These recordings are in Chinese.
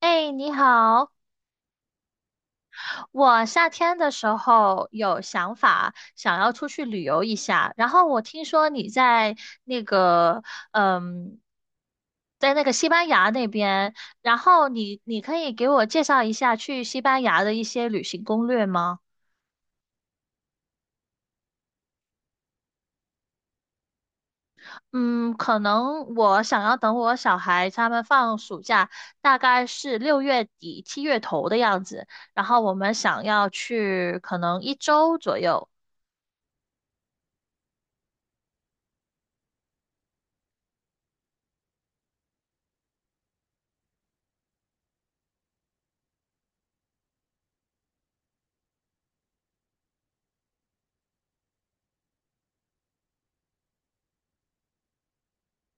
哎，你好！我夏天的时候有想法，想要出去旅游一下。然后我听说你那个，嗯，在那个西班牙那边，然后你可以给我介绍一下去西班牙的一些旅行攻略吗？嗯，可能我想要等我小孩他们放暑假，大概是六月底七月头的样子，然后我们想要去可能一周左右。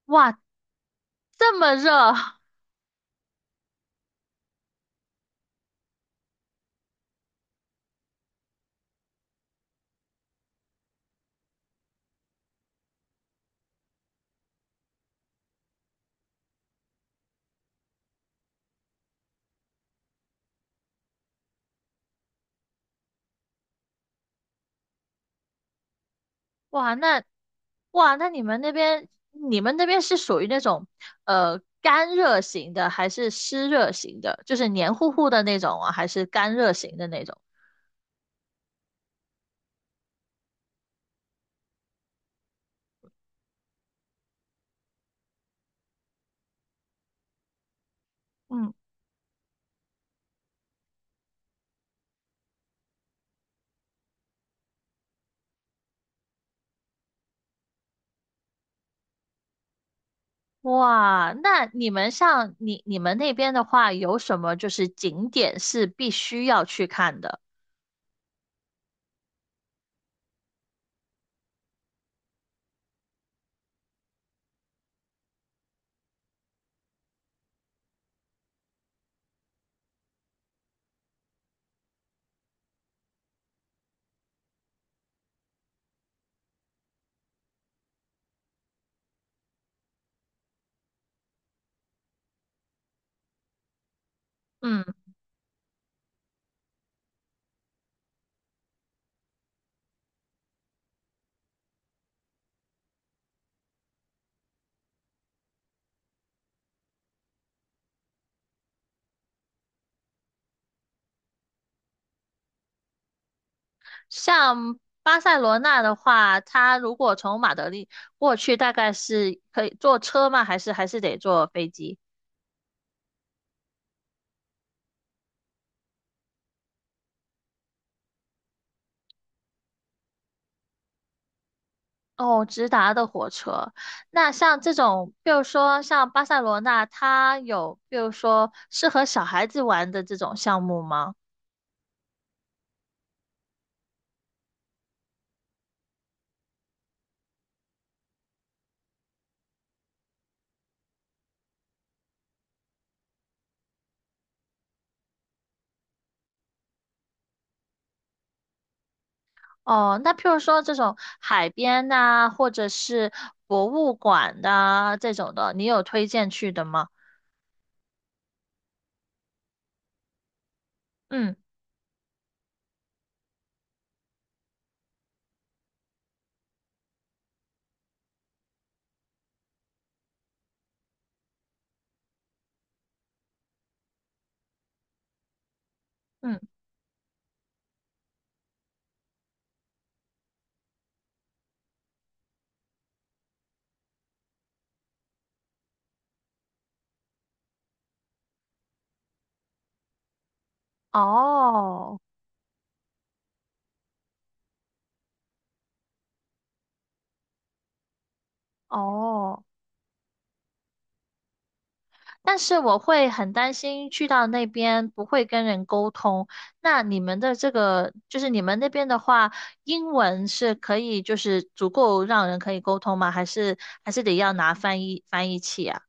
哇，这么热，哇，那哇，那你们那边是属于那种干热型的，还是湿热型的？就是黏糊糊的那种啊，还是干热型的那种？嗯。哇，那你们那边的话，有什么就是景点是必须要去看的？嗯，像巴塞罗那的话，它如果从马德里过去，大概是可以坐车吗？还是得坐飞机？哦，直达的火车。那像这种，比如说像巴塞罗那，它有比如说适合小孩子玩的这种项目吗？哦，那譬如说这种海边呐、或者是博物馆呐、这种的，你有推荐去的吗？嗯嗯，哦哦。但是我会很担心去到那边不会跟人沟通。那你们的这个，就是你们那边的话，英文是可以，就是足够让人可以沟通吗？还是得要拿翻译器啊？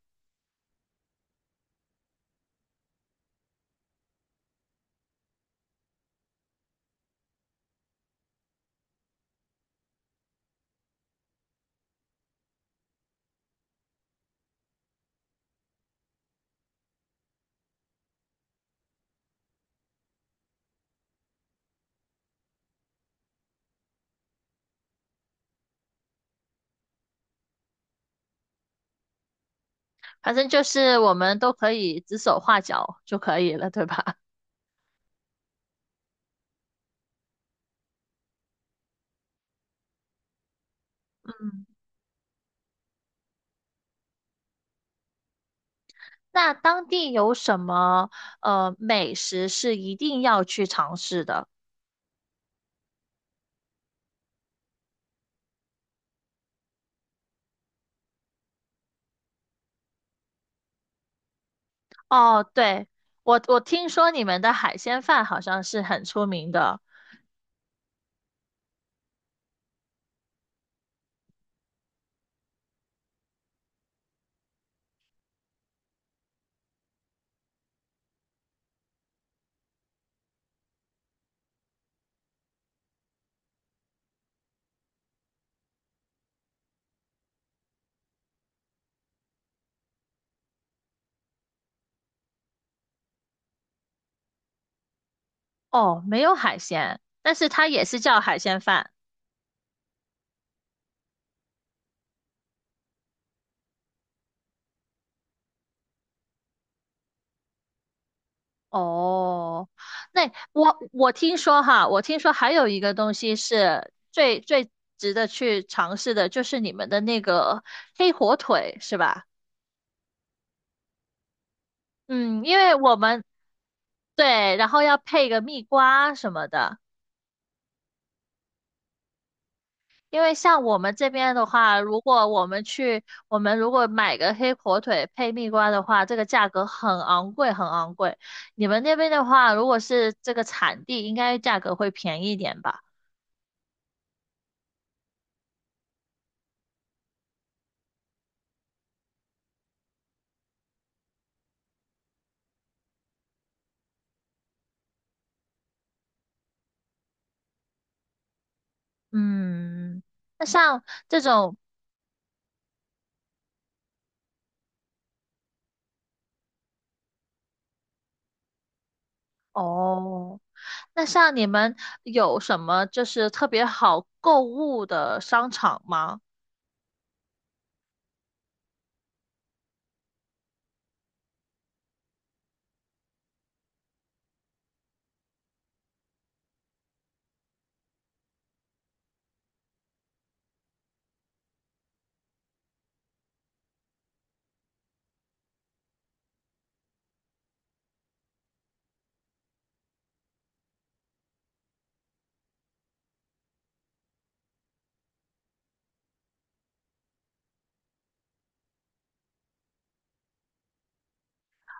反正就是我们都可以指手画脚就可以了，对吧？嗯。那当地有什么美食是一定要去尝试的？哦，对，我听说你们的海鲜饭好像是很出名的。哦，没有海鲜，但是它也是叫海鲜饭。哦，那我我听说哈，我听说还有一个东西是最最值得去尝试的，就是你们的那个黑火腿，是吧？嗯，因为我们对，然后要配个蜜瓜什么的。因为像我们这边的话，如果我们去，我们如果买个黑火腿配蜜瓜的话，这个价格很昂贵，很昂贵。你们那边的话，如果是这个产地，应该价格会便宜一点吧？嗯，那像这种，哦，那像你们有什么就是特别好购物的商场吗？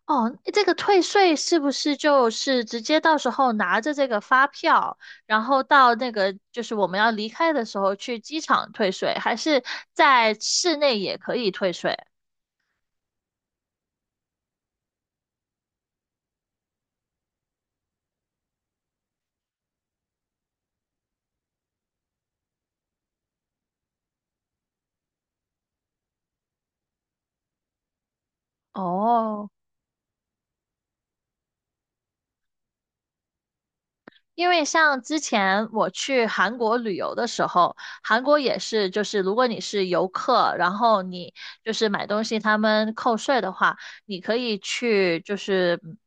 哦，这个退税是不是就是直接到时候拿着这个发票，然后到那个就是我们要离开的时候去机场退税，还是在室内也可以退税？哦。因为像之前我去韩国旅游的时候，韩国也是，就是如果你是游客，然后你就是买东西，他们扣税的话，你可以去就是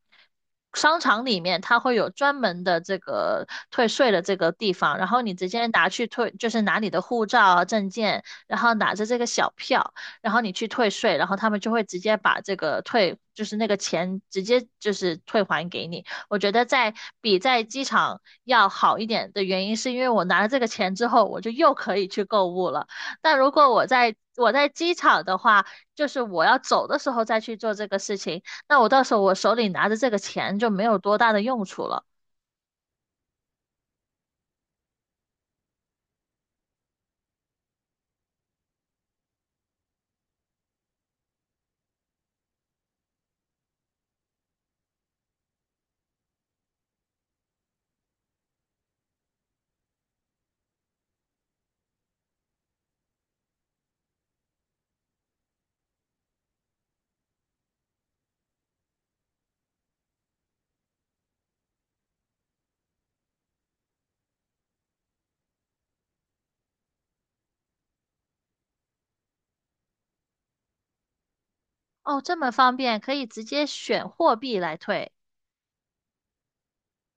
商场里面，它会有专门的这个退税的这个地方，然后你直接拿去退，就是拿你的护照啊、证件，然后拿着这个小票，然后你去退税，然后他们就会直接把这个退，就是那个钱直接就是退还给你。我觉得在比在机场要好一点的原因，是因为我拿了这个钱之后，我就又可以去购物了。但如果我在机场的话，就是我要走的时候再去做这个事情，那我到时候我手里拿着这个钱就没有多大的用处了。哦，这么方便，可以直接选货币来退。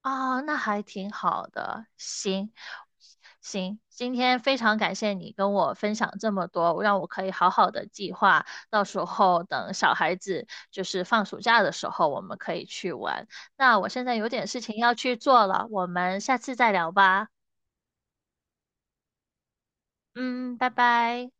哦，那还挺好的。行，行，今天非常感谢你跟我分享这么多，让我可以好好的计划，到时候等小孩子就是放暑假的时候，我们可以去玩。那我现在有点事情要去做了，我们下次再聊吧。嗯，拜拜。